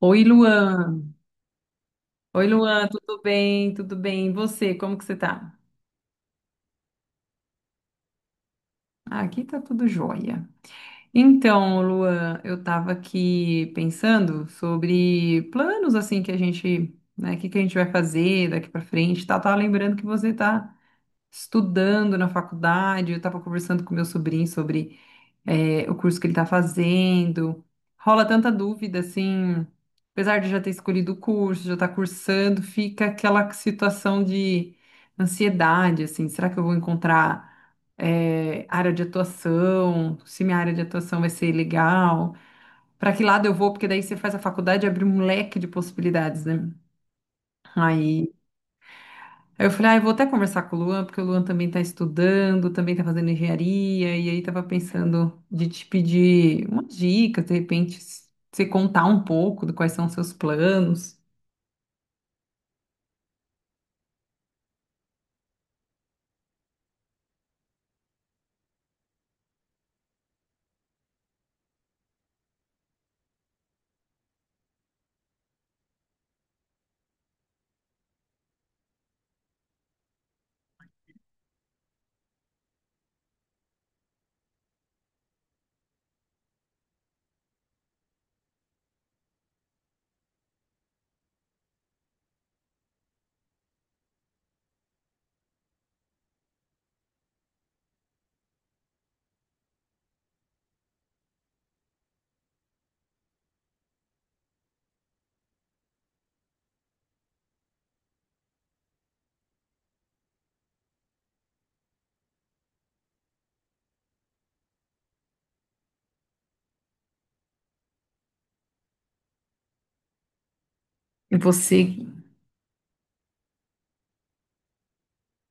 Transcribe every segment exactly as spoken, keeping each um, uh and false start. Oi, Luan. Oi, Luan, tudo bem? Tudo bem? E você, como que você tá? Ah, aqui tá tudo jóia. Então, Luan, eu tava aqui pensando sobre planos assim que a gente, né, o que que a gente vai fazer daqui pra frente, tá? Tava lembrando que você tá estudando na faculdade, eu tava conversando com meu sobrinho sobre é, o curso que ele está fazendo. Rola tanta dúvida, assim, apesar de já ter escolhido o curso, já estar cursando, fica aquela situação de ansiedade, assim, será que eu vou encontrar é, área de atuação? Se minha área de atuação vai ser legal? Para que lado eu vou? Porque daí você faz a faculdade e abre um leque de possibilidades, né? Aí Aí eu falei, ah, eu vou até conversar com o Luan, porque o Luan também está estudando, também está fazendo engenharia, e aí estava pensando de te pedir umas dicas, de repente, s- você contar um pouco de quais são os seus planos. E você,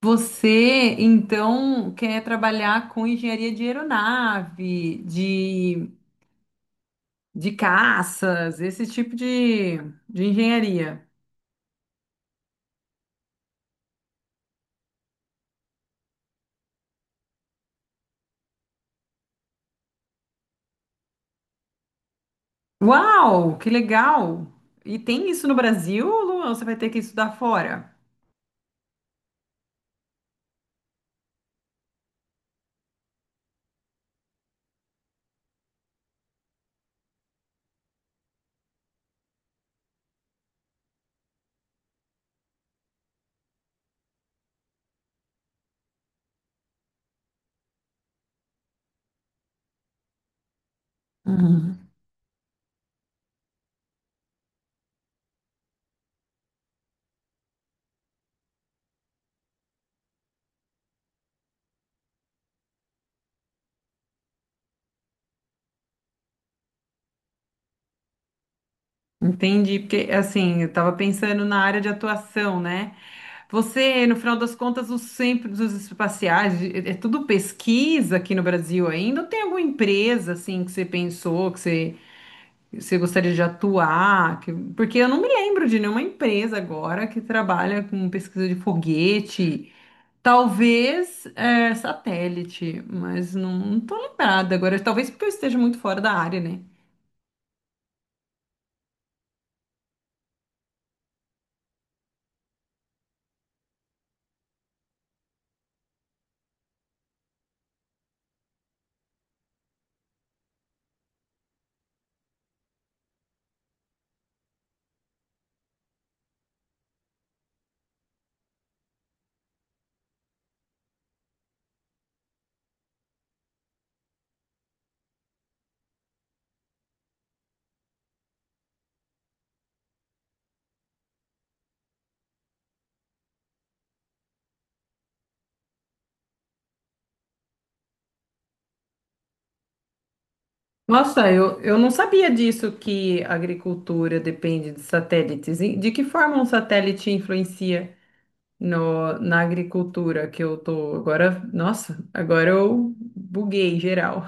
você então quer trabalhar com engenharia de aeronave, de, de caças, esse tipo de, de engenharia. Uau, que legal! E tem isso no Brasil, Luan? Você vai ter que estudar fora? Uhum. Entendi, porque assim, eu estava pensando na área de atuação, né? Você, no final das contas, os centros espaciais, é é tudo pesquisa aqui no Brasil ainda? Ou tem alguma empresa assim que você pensou, que você, você gostaria de atuar? Que- porque eu não me lembro de nenhuma empresa agora que trabalha com pesquisa de foguete, talvez é, satélite, mas não, não tô lembrada agora, talvez porque eu esteja muito fora da área, né? Nossa, eu, eu não sabia disso que a agricultura depende de satélites. E de que forma um satélite influencia no, na agricultura que eu tô agora? Nossa, agora eu buguei geral.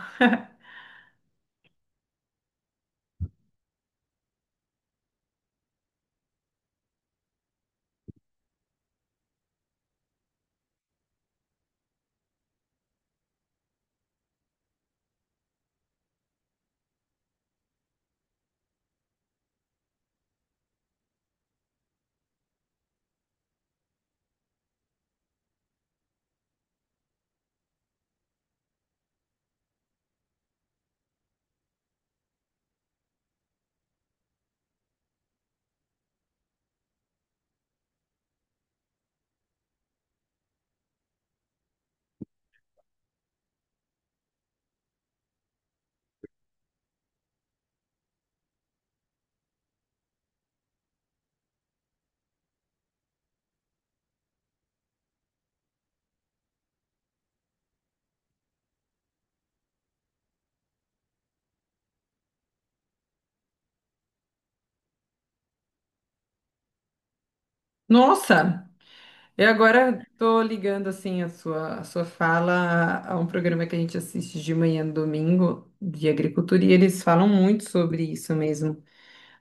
Nossa, eu agora tô ligando assim a sua, a sua fala a a um programa que a gente assiste de manhã no domingo de agricultura e eles falam muito sobre isso mesmo,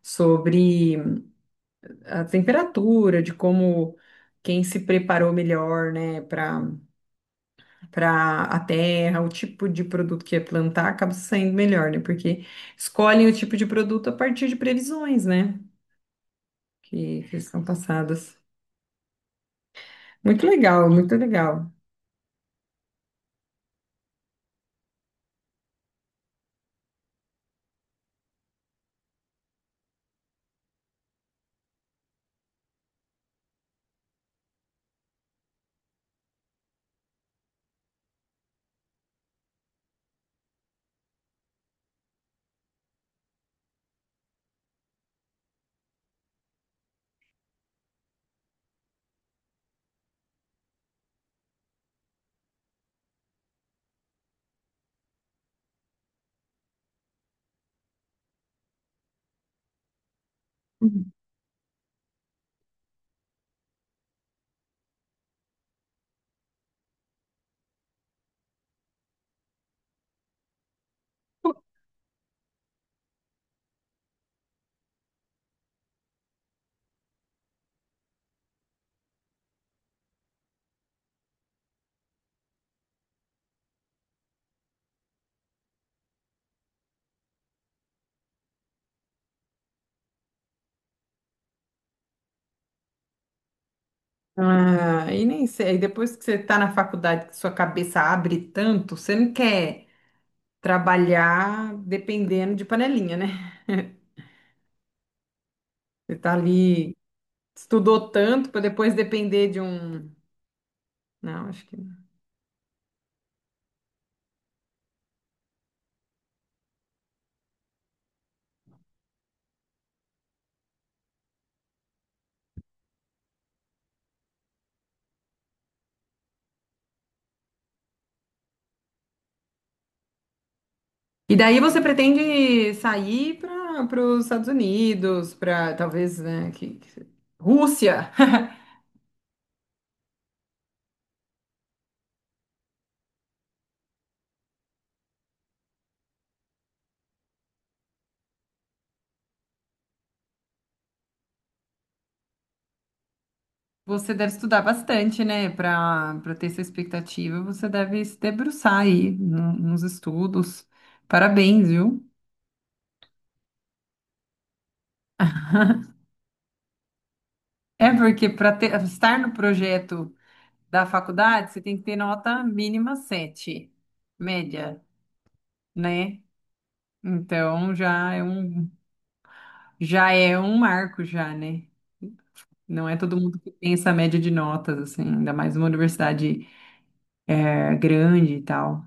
sobre a temperatura, de como quem se preparou melhor, né, para para a terra, o tipo de produto que ia plantar acaba saindo melhor, né? Porque escolhem o tipo de produto a partir de previsões, né, que, que são passadas. Muito legal, muito legal. Uhum. Ah, e nem sei, aí depois que você está na faculdade, que sua cabeça abre tanto, você não quer trabalhar dependendo de panelinha, né? Você está ali, estudou tanto para depois depender de um. Não, acho que não. E daí você pretende sair para os Estados Unidos, para talvez, né, que, que- Rússia. Você deve estudar bastante, né, para para ter essa expectativa. Você deve se debruçar aí no- nos estudos. Parabéns, viu? É porque para estar no projeto da faculdade, você tem que ter nota mínima sete, média, né? Então já é um já é um marco já, né? Não é todo mundo que tem essa média de notas, assim, ainda mais uma universidade é, grande e tal.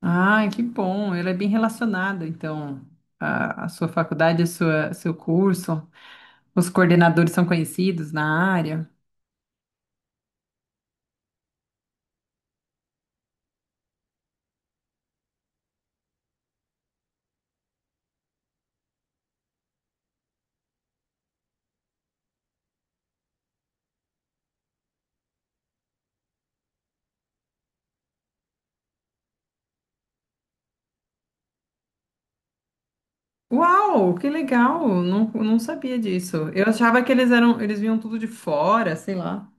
Ah, que bom! Ela é bem relacionada, então, a, a sua faculdade, a sua, seu curso. Os coordenadores são conhecidos na área. Uau, que legal! Não, não sabia disso. Eu achava que eles eram, eles vinham tudo de fora, sei lá.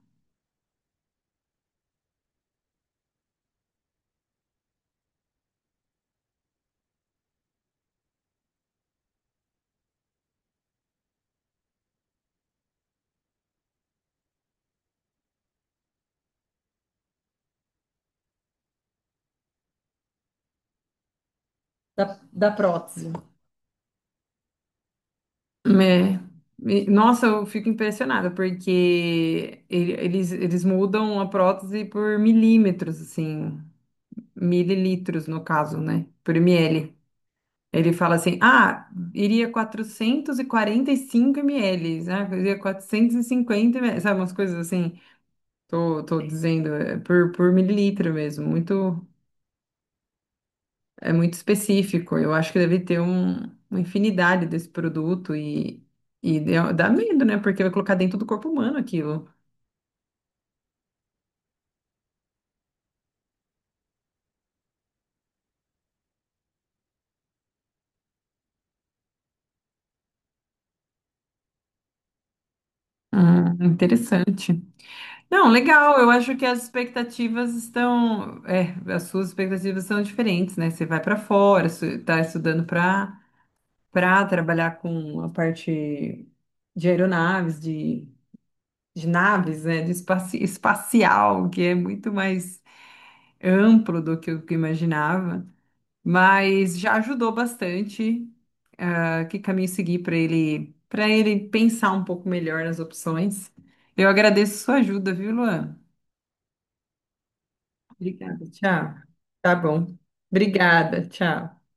da, da prótese. É. E, nossa, eu fico impressionada, porque ele- eles, eles mudam a prótese por milímetros, assim, mililitros no caso, né? Por mililitro. Ele fala assim, ah, iria quatrocentos e e quarenta e cinco ml, ah, iria quatrocentos e cinquenta mililitros, sabe, umas coisas assim, tô, tô dizendo, é, por, por mililitro mesmo, muito, é muito específico. Eu acho que deve ter um- uma infinidade desse produto e, e deu- dá medo, né? Porque vai colocar dentro do corpo humano aquilo. Hum, interessante. Não, legal. Eu acho que as expectativas estão, é, as suas expectativas são diferentes, né? Você vai para fora, está estudando para para trabalhar com a parte de aeronaves, de, de naves, né? De espaci- espacial, que é muito mais amplo do que eu que eu imaginava. Mas já ajudou bastante ah, que caminho seguir para ele, para ele, pensar um pouco melhor nas opções. Eu agradeço sua ajuda, viu, Luan? Obrigada, tchau. Tá bom. Obrigada, tchau.